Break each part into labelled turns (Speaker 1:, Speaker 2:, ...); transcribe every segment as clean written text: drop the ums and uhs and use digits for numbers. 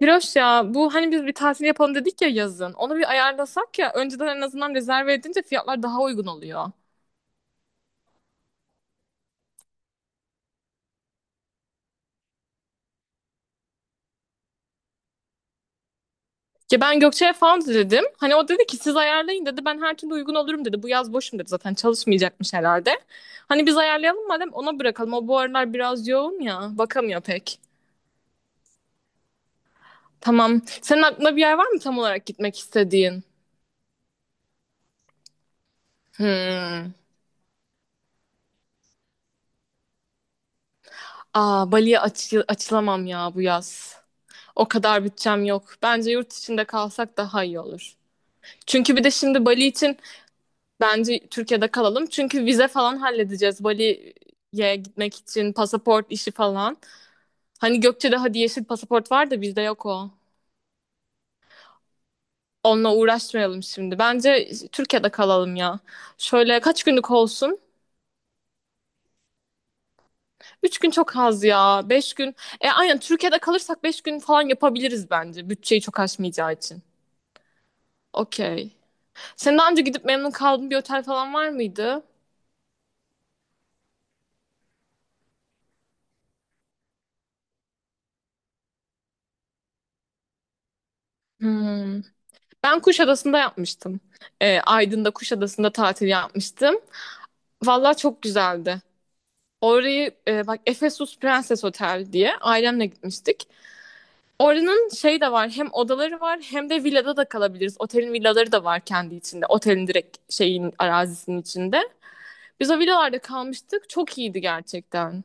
Speaker 1: Hiroş ya bu hani biz bir tatil yapalım dedik ya yazın. Onu bir ayarlasak ya önceden en azından rezerve edince fiyatlar daha uygun oluyor. Ya ben Gökçe'ye falan dedim. Hani o dedi ki siz ayarlayın dedi. Ben her türlü uygun olurum dedi. Bu yaz boşum dedi, zaten çalışmayacakmış herhalde. Hani biz ayarlayalım madem, ona bırakalım. O bu aralar biraz yoğun ya. Bakamıyor pek. Tamam. Senin aklında bir yer var mı tam olarak gitmek istediğin? Hmm. Aa, Bali'ye açılamam ya bu yaz. O kadar bütçem yok. Bence yurt içinde kalsak daha iyi olur. Çünkü bir de şimdi Bali için bence Türkiye'de kalalım. Çünkü vize falan halledeceğiz. Bali'ye gitmek için pasaport işi falan. Hani Gökçe'de hadi yeşil pasaport var da bizde yok o. Onunla uğraşmayalım şimdi. Bence Türkiye'de kalalım ya. Şöyle, kaç günlük olsun? 3 gün çok az ya. 5 gün. E aynen, Türkiye'de kalırsak 5 gün falan yapabiliriz bence. Bütçeyi çok aşmayacağı için. Okey. Sen daha önce gidip memnun kaldığın bir otel falan var mıydı? Hmm. Ben Kuşadası'nda yapmıştım. E, Aydın'da Kuşadası'nda tatil yapmıştım. Vallahi çok güzeldi. Orayı bak, Efesus Prenses Otel diye ailemle gitmiştik. Oranın şey de var, hem odaları var hem de villada da kalabiliriz. Otelin villaları da var kendi içinde. Otelin direkt şeyin arazisinin içinde. Biz o villalarda kalmıştık. Çok iyiydi gerçekten.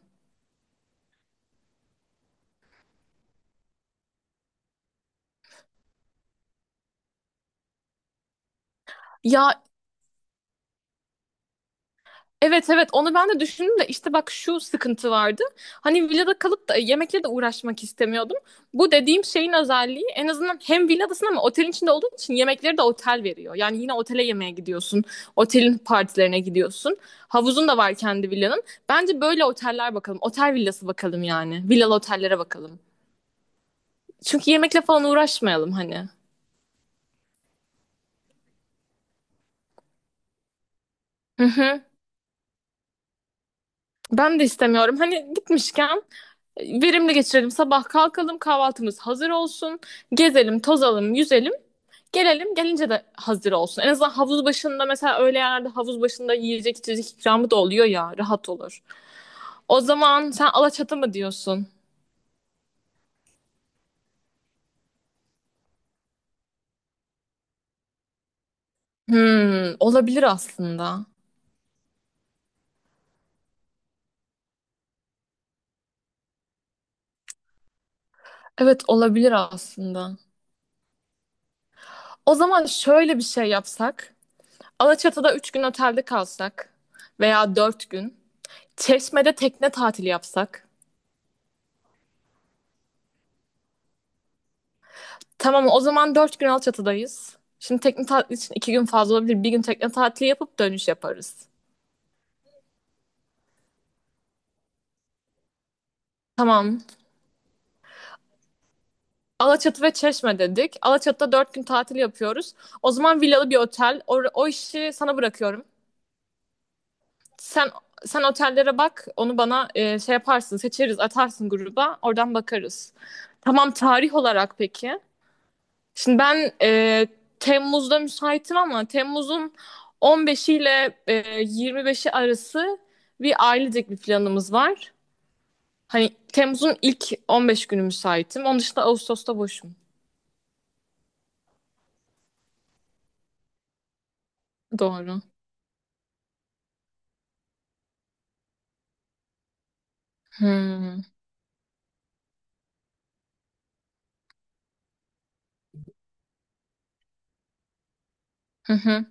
Speaker 1: Ya, evet evet, onu ben de düşündüm de işte bak şu sıkıntı vardı. Hani villada kalıp da yemekle de uğraşmak istemiyordum. Bu dediğim şeyin özelliği, en azından hem villadasın ama otelin içinde olduğun için yemekleri de otel veriyor. Yani yine otele yemeğe gidiyorsun. Otelin partilerine gidiyorsun. Havuzun da var kendi villanın. Bence böyle oteller bakalım. Otel villası bakalım yani. Villalı otellere bakalım. Çünkü yemekle falan uğraşmayalım hani. Hı hı. Ben de istemiyorum. Hani gitmişken verimli geçirelim. Sabah kalkalım, kahvaltımız hazır olsun. Gezelim, tozalım, yüzelim. Gelelim, gelince de hazır olsun. En azından havuz başında mesela, öyle yerlerde havuz başında yiyecek içecek ikramı da oluyor ya. Rahat olur. O zaman sen Alaçatı mı diyorsun? Hmm, olabilir aslında. Evet olabilir aslında. O zaman şöyle bir şey yapsak. Alaçatı'da 3 gün otelde kalsak veya 4 gün. Çeşme'de tekne tatili yapsak. Tamam, o zaman 4 gün Alçatı'dayız. Şimdi tekne tatili için 2 gün fazla olabilir. Bir gün tekne tatili yapıp dönüş yaparız. Tamam. Alaçatı ve Çeşme dedik. Alaçatı'da 4 gün tatil yapıyoruz. O zaman villalı bir otel. O işi sana bırakıyorum. Sen sen otellere bak. Onu bana şey yaparsın, seçeriz, atarsın gruba. Oradan bakarız. Tamam, tarih olarak peki. Şimdi ben Temmuz'da müsaitim ama Temmuz'un 15'i ile 25'i arası bir ailecek bir planımız var. Hani Temmuz'un ilk 15 günü müsaitim. Onun dışında Ağustos'ta boşum. Doğru. Hmm. Hı hı.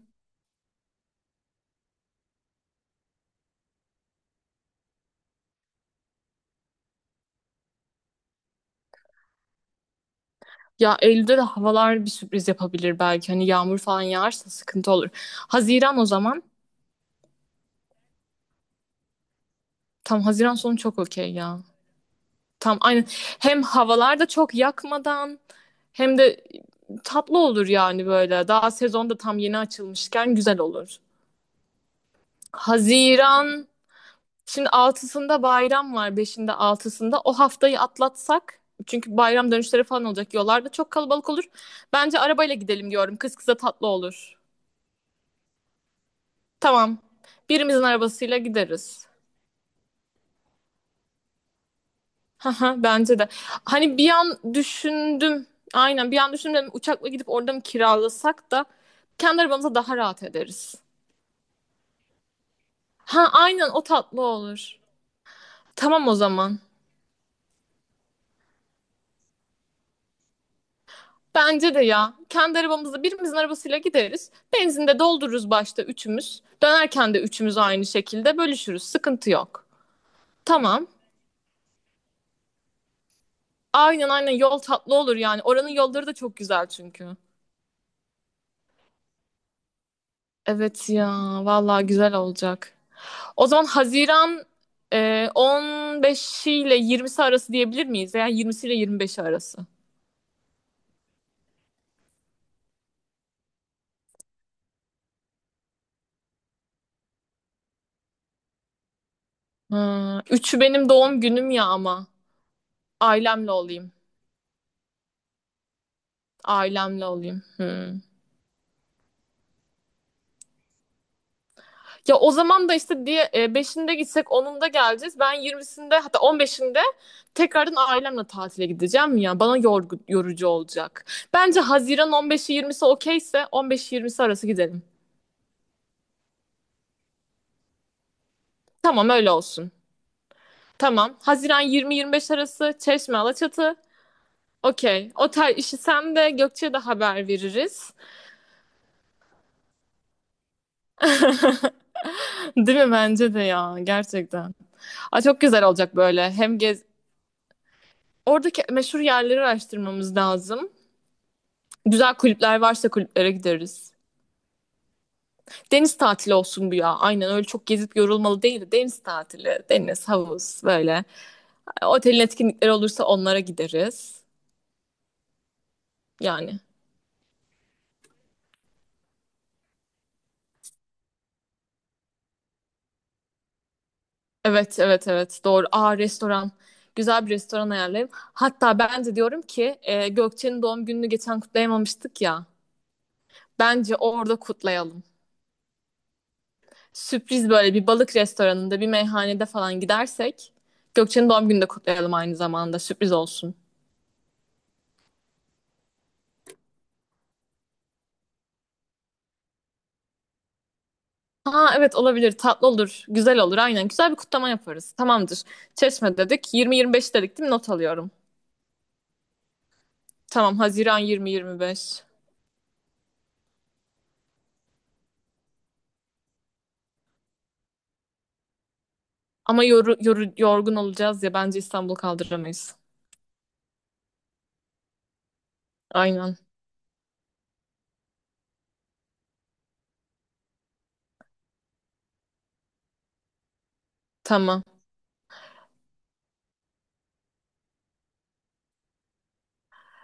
Speaker 1: Ya Eylül'de de havalar bir sürpriz yapabilir belki. Hani yağmur falan yağarsa sıkıntı olur. Haziran o zaman. Tam Haziran sonu çok okey ya. Tam aynen. Hem havalar da çok yakmadan hem de tatlı olur yani böyle. Daha sezon da tam yeni açılmışken güzel olur. Haziran şimdi 6'sında bayram var. 5'inde 6'sında o haftayı atlatsak, çünkü bayram dönüşleri falan olacak. Yollarda çok kalabalık olur. Bence arabayla gidelim diyorum. Kız kıza tatlı olur. Tamam. Birimizin arabasıyla gideriz. Haha, bence de. Hani bir an düşündüm. Aynen, bir an düşündüm, dedim, uçakla gidip orada mı kiralasak da kendi arabamıza daha rahat ederiz. Ha aynen, o tatlı olur. Tamam o zaman. Bence de ya. Kendi arabamızla birimizin arabasıyla gideriz. Benzin de doldururuz başta üçümüz. Dönerken de üçümüz aynı şekilde bölüşürüz. Sıkıntı yok. Tamam. Aynen aynen, yol tatlı olur yani. Oranın yolları da çok güzel çünkü. Evet ya. Vallahi güzel olacak. O zaman Haziran 15 ile 20'si arası diyebilir miyiz? Yani 20'si ile 25'i arası. Ha, 3'ü benim doğum günüm ya ama. Ailemle olayım. Ailemle olayım. Hmm. Ya o zaman da işte diye 5'inde gitsek 10'unda geleceğiz. Ben 20'sinde hatta 15'inde tekrardan ailemle tatile gideceğim ya. Bana yorucu olacak. Bence Haziran 15'i 20'si okeyse 15-20'si arası gidelim. Tamam öyle olsun. Tamam. Haziran 20-25 arası Çeşme Alaçatı. Okey. O tar işi sen de Gökçe'ye de haber veririz. Değil mi? Bence de ya. Gerçekten. Aa, çok güzel olacak böyle. Hem gez... Oradaki meşhur yerleri araştırmamız lazım. Güzel kulüpler varsa kulüplere gideriz. Deniz tatili olsun bu ya. Aynen öyle, çok gezip yorulmalı değil de deniz tatili, deniz, havuz böyle. Otelin etkinlikleri olursa onlara gideriz. Yani. Evet, evet, evet. Doğru. Aa, restoran. Güzel bir restoran ayarlayayım. Hatta ben de diyorum ki, Gökçe'nin doğum gününü geçen kutlayamamıştık ya. Bence orada kutlayalım. Sürpriz, böyle bir balık restoranında, bir meyhanede falan gidersek Gökçe'nin doğum gününü de kutlayalım aynı zamanda. Sürpriz olsun. Ha evet, olabilir. Tatlı olur. Güzel olur. Aynen. Güzel bir kutlama yaparız. Tamamdır. Çeşme dedik. 20-25 dedik değil mi? Not alıyorum. Tamam. Haziran 20-25. Ama yorgun olacağız ya. Bence İstanbul kaldıramayız. Aynen. Tamam.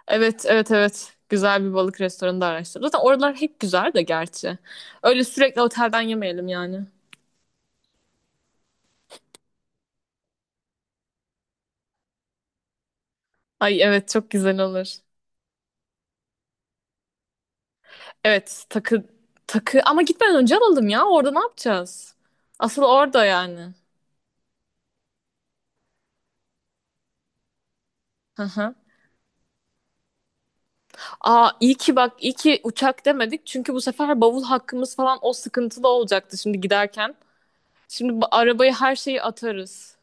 Speaker 1: Evet, evet, evet. Güzel bir balık restoranı da araştır. Zaten oralar hep güzel de gerçi. Öyle sürekli otelden yemeyelim yani. Ay evet çok güzel olur. Evet takı, takı ama gitmeden önce alalım ya. Orada ne yapacağız? Asıl orada yani. Hı hı. Aa, iyi ki bak, iyi ki uçak demedik. Çünkü bu sefer bavul hakkımız falan o sıkıntılı olacaktı şimdi giderken. Şimdi arabaya her şeyi atarız.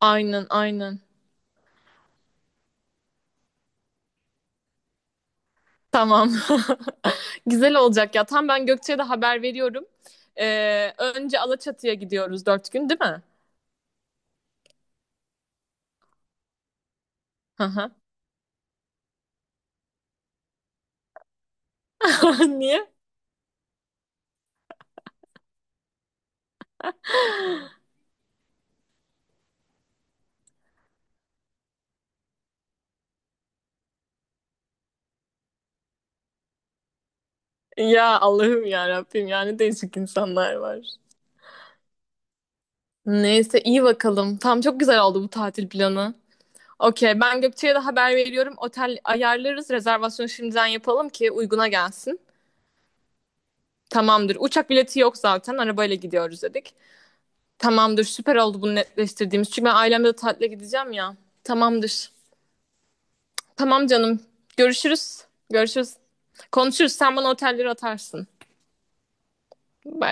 Speaker 1: Aynen aynen. Tamam. Güzel olacak ya. Tam ben Gökçe'ye de haber veriyorum. Önce Alaçatı'ya gidiyoruz 4 gün değil mi? Hı hı. Niye? Ya Allah'ım ya Rabbim, yani değişik insanlar var. Neyse iyi bakalım. Tamam çok güzel oldu bu tatil planı. Okey, ben Gökçe'ye de haber veriyorum. Otel ayarlarız. Rezervasyonu şimdiden yapalım ki uyguna gelsin. Tamamdır. Uçak bileti yok zaten. Arabayla gidiyoruz dedik. Tamamdır. Süper oldu bunu netleştirdiğimiz. Çünkü ben ailemle de tatile gideceğim ya. Tamamdır. Tamam canım. Görüşürüz. Görüşürüz. Konuşuruz. Sen bana otelleri atarsın. Bay bay.